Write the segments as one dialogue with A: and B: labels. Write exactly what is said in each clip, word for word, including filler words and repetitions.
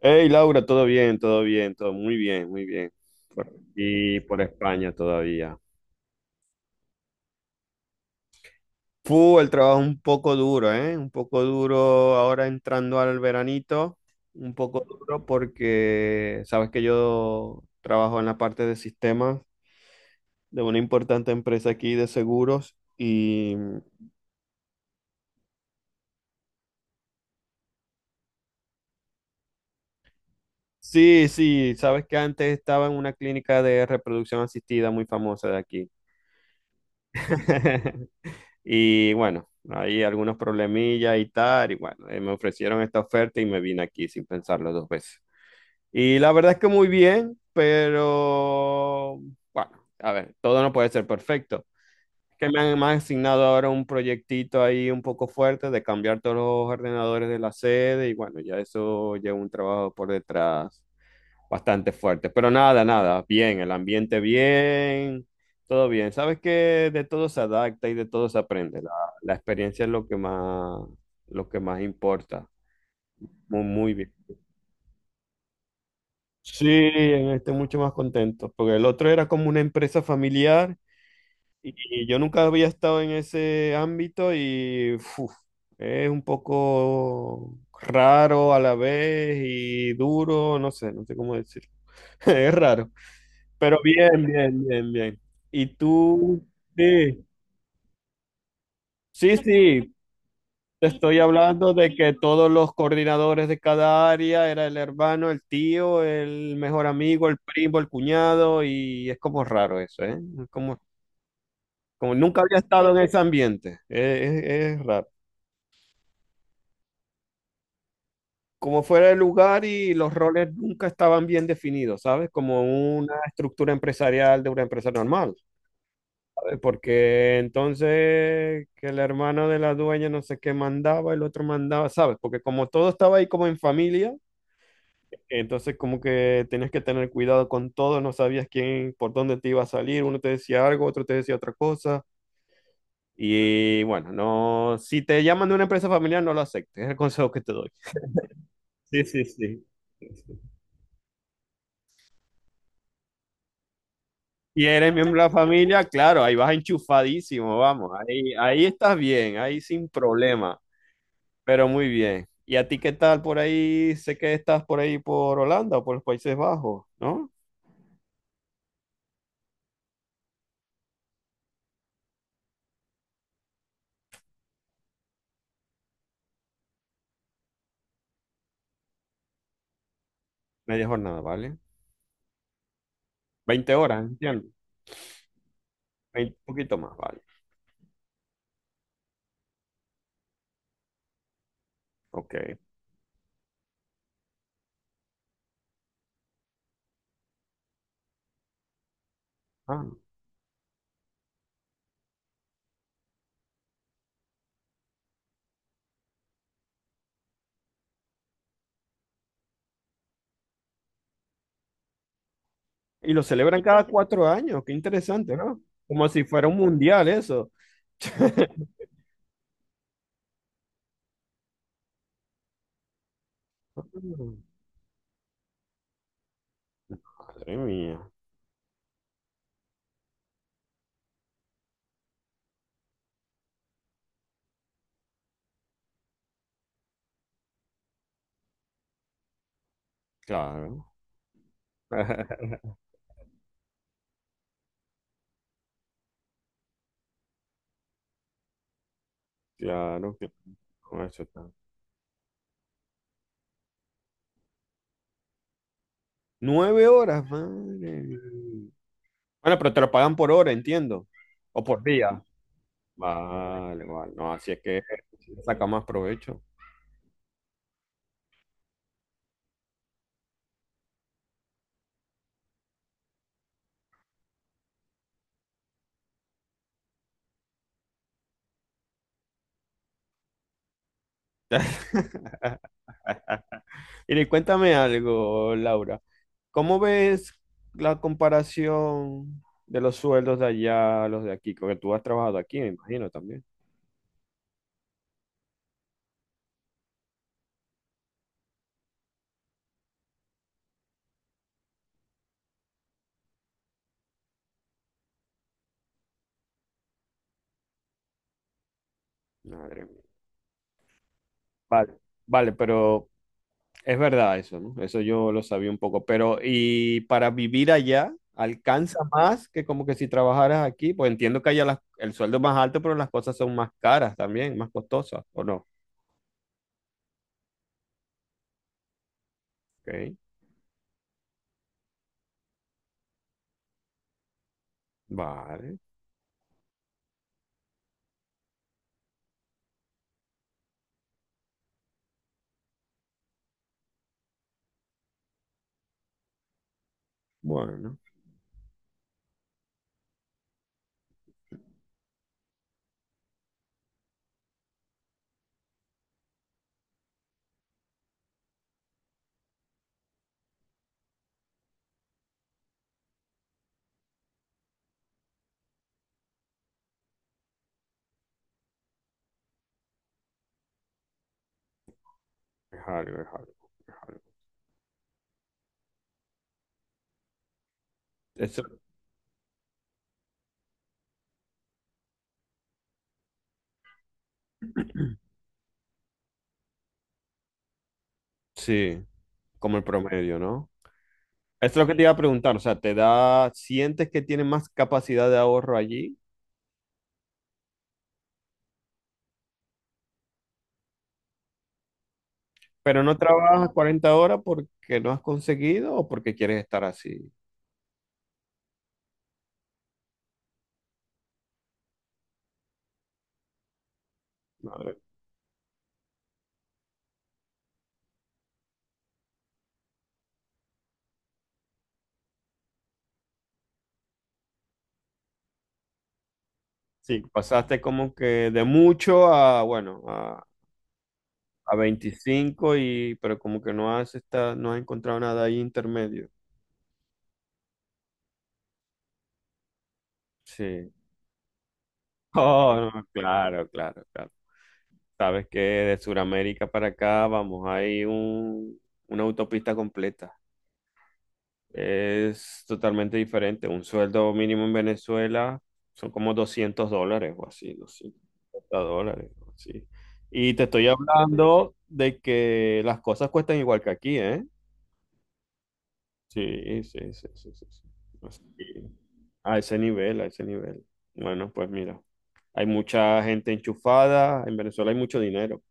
A: Hey Laura, todo bien, todo bien, todo muy bien, muy bien. Por aquí, por España todavía. Fu, el trabajo un poco duro, ¿eh? Un poco duro ahora entrando al veranito, un poco duro porque sabes que yo trabajo en la parte de sistemas de una importante empresa aquí de seguros y sí, sí, sabes que antes estaba en una clínica de reproducción asistida muy famosa de aquí. Y bueno, hay algunos problemillas y tal, y bueno, eh, me ofrecieron esta oferta y me vine aquí sin pensarlo dos veces. Y la verdad es que muy bien, pero bueno, a ver, todo no puede ser perfecto. Que me han, me han asignado ahora un proyectito ahí un poco fuerte de cambiar todos los ordenadores de la sede y bueno, ya eso lleva un trabajo por detrás bastante fuerte. Pero nada, nada, bien, el ambiente bien, todo bien. Sabes que de todo se adapta y de todo se aprende. La, la experiencia es lo que más, lo que más importa. Muy, muy bien. Sí, en este mucho más contento, porque el otro era como una empresa familiar y, y yo nunca había estado en ese ámbito y uf, es un poco raro a la vez y duro, no sé, no sé cómo decir. Es raro. Pero bien, bien, bien, bien. Y tú, sí, sí, sí, te estoy hablando de que todos los coordinadores de cada área era el hermano, el tío, el mejor amigo, el primo, el cuñado, y es como raro eso, ¿eh? Es Como, como nunca había estado en ese ambiente, es, es- es raro. Como fuera el lugar y los roles nunca estaban bien definidos, ¿sabes? Como una estructura empresarial de una empresa normal. eh, Porque entonces que el hermano de la dueña no sé qué mandaba, el otro mandaba, ¿sabes? Porque como todo estaba ahí como en familia, entonces como que tenías que tener cuidado con todo, no sabías quién, por dónde te iba a salir, uno te decía algo, otro te decía otra cosa. Y bueno, no, si te llaman de una empresa familiar, no lo aceptes, es el consejo que te doy. Sí, sí, sí. Y eres miembro de la familia, claro, ahí vas enchufadísimo, vamos, ahí, ahí estás bien, ahí sin problema. Pero muy bien. ¿Y a ti qué tal por ahí? Sé que estás por ahí por Holanda o por los Países Bajos, ¿no? Media jornada, ¿vale? Veinte horas, entiendo. Vein- Un poquito más, ¿vale? Ok. Ah, y lo celebran cada cuatro años, qué interesante, ¿no? Como si fuera un mundial eso. Ah, madre mía, claro. Claro que con eso está. Nueve horas, madre mía. Bueno, pero te lo pagan por hora, entiendo. O por día. Vale, vale, no, así es que saca más provecho. Y le- cuéntame algo, Laura. ¿Cómo ves la comparación de los sueldos de allá a los de aquí? Porque tú has trabajado aquí, me imagino también. Madre mía. Vale, vale, pero es verdad eso, ¿no? Eso yo lo sabía un poco. Pero, ¿y para vivir allá alcanza más que como que si trabajaras aquí? Pues entiendo que allá las- el sueldo es más alto, pero las cosas son más caras también, más costosas, ¿o no? Ok, vale. Bueno. Es algo, es algo, es algo. Eso, sí, como el promedio, ¿no? Esto es lo que te iba a preguntar, o sea, te da, sientes que tienes más capacidad de ahorro allí, pero no trabajas cuarenta horas porque no has conseguido o porque quieres estar así. Madre. Sí, pasaste como que de mucho a, bueno, a, a veinticinco y, pero como que no has esta- no has encontrado nada ahí intermedio. Sí. Oh, no, claro, claro, claro. Sabes que de Sudamérica para acá vamos, hay un, una autopista completa. Es totalmente diferente. Un sueldo mínimo en Venezuela son como doscientos dólares o así, doscientos cincuenta dólares o así. Y te estoy hablando de que las cosas cuestan igual que aquí, ¿eh? Sí, sí, sí, sí, sí, sí. Así que a ese nivel, a ese nivel. Bueno, pues mira, hay mucha gente enchufada. En Venezuela hay mucho dinero.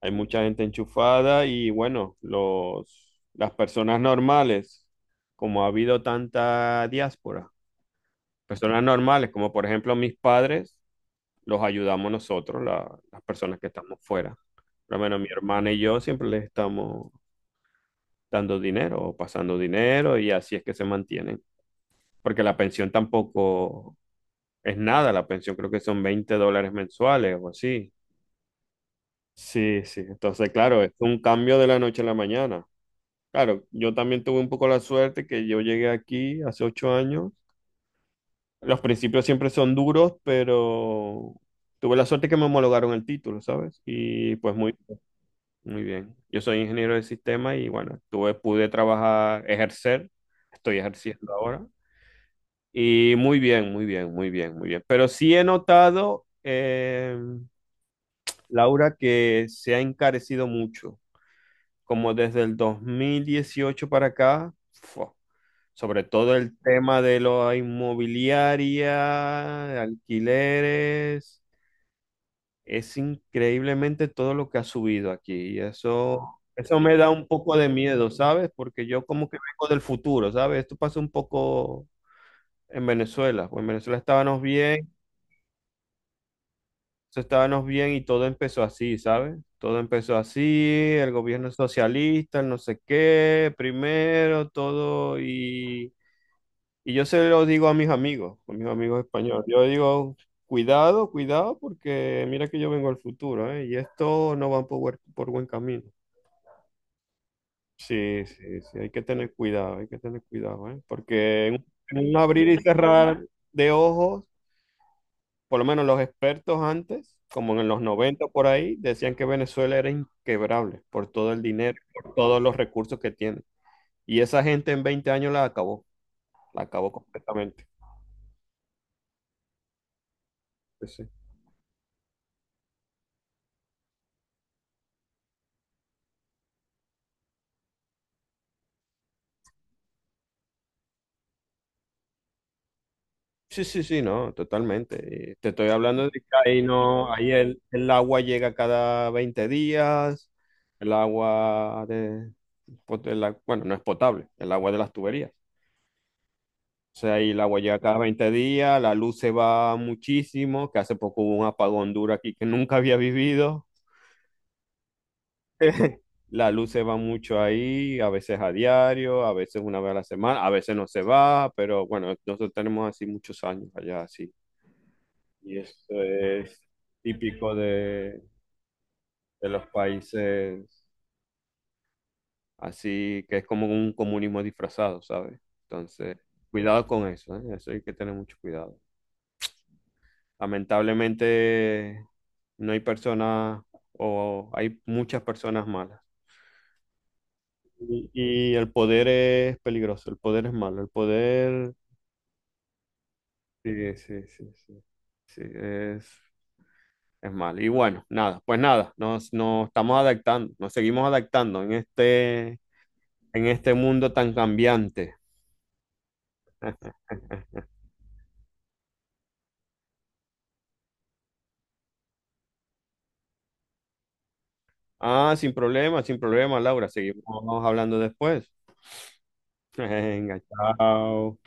A: Hay mucha gente enchufada y bueno, los, las personas normales, como ha habido tanta diáspora, personas normales, como por ejemplo mis padres, los ayudamos nosotros, la- las personas que estamos fuera. Por lo menos mi hermana y yo siempre les estamos dando dinero o pasando dinero y así es que se mantienen. Porque la pensión tampoco es nada, la pensión creo que son veinte dólares mensuales o así. Sí, sí, entonces claro, es un cambio de la noche a la mañana. Claro, yo también tuve un poco la suerte que yo llegué aquí hace ocho años. Los principios siempre son duros, pero tuve la suerte que me homologaron el título, ¿sabes? Y pues muy, muy bien. Yo soy ingeniero de sistema y bueno, tuve, pude trabajar, ejercer, estoy ejerciendo ahora. Y muy bien, muy bien, muy bien, muy bien. Pero sí he notado, eh, Laura, que se ha encarecido mucho. Como desde el dos mil dieciocho para acá, ¡fua! Sobre todo el tema de la inmobiliaria, de alquileres, es increíblemente todo lo que ha subido aquí. Y eso, eso me da un poco de miedo, ¿sabes? Porque yo como que vengo del futuro, ¿sabes? Esto pasó un poco en Venezuela. Pues en Venezuela estábamos bien, eso estábamos bien y todo empezó así, ¿sabes? Todo empezó así, el gobierno socialista, el no sé qué, primero, todo y... Y yo se lo digo a mis amigos, a mis amigos españoles. Yo digo, cuidado, cuidado, porque mira que yo vengo al futuro, ¿eh? Y esto no va por, buen- por buen camino. Sí, sí, sí, hay que tener cuidado, hay que tener cuidado, ¿eh? Porque en en un abrir y cerrar de ojos, por lo menos los expertos antes, como en los noventa por ahí, decían que Venezuela era inquebrable por todo el dinero, por todos los recursos que tiene. Y esa gente en veinte años la acabó, la acabó completamente. Sí, sí. Sí, sí, sí, no, totalmente. Eh, Te estoy hablando de que ahí no, ahí el, el agua llega cada veinte días, el agua de, pot- el a- bueno, no es potable, el agua de las tuberías. O sea, ahí el agua llega cada veinte días, la luz se va muchísimo, que hace poco hubo un apagón duro aquí que nunca había vivido. La luz se va mucho ahí, a veces a diario, a veces una vez a la semana, a veces no se va, pero bueno, nosotros tenemos así muchos años allá, así. Y esto es típico de, de los países así, que es como un comunismo disfrazado, ¿sabes? Entonces, cuidado con eso, ¿eh? Eso hay que tener mucho cuidado. Lamentablemente, no hay personas o hay muchas personas malas. Y, y el poder es peligroso, el poder es malo, el poder... Sí, sí, sí, sí. Sí, es, es malo. Y bueno, nada, pues nada, nos, nos estamos adaptando, nos seguimos adaptando en este... en este mundo tan cambiante. Ah, sin problema, sin problema, Laura. Seguimos hablando después. Venga, chao.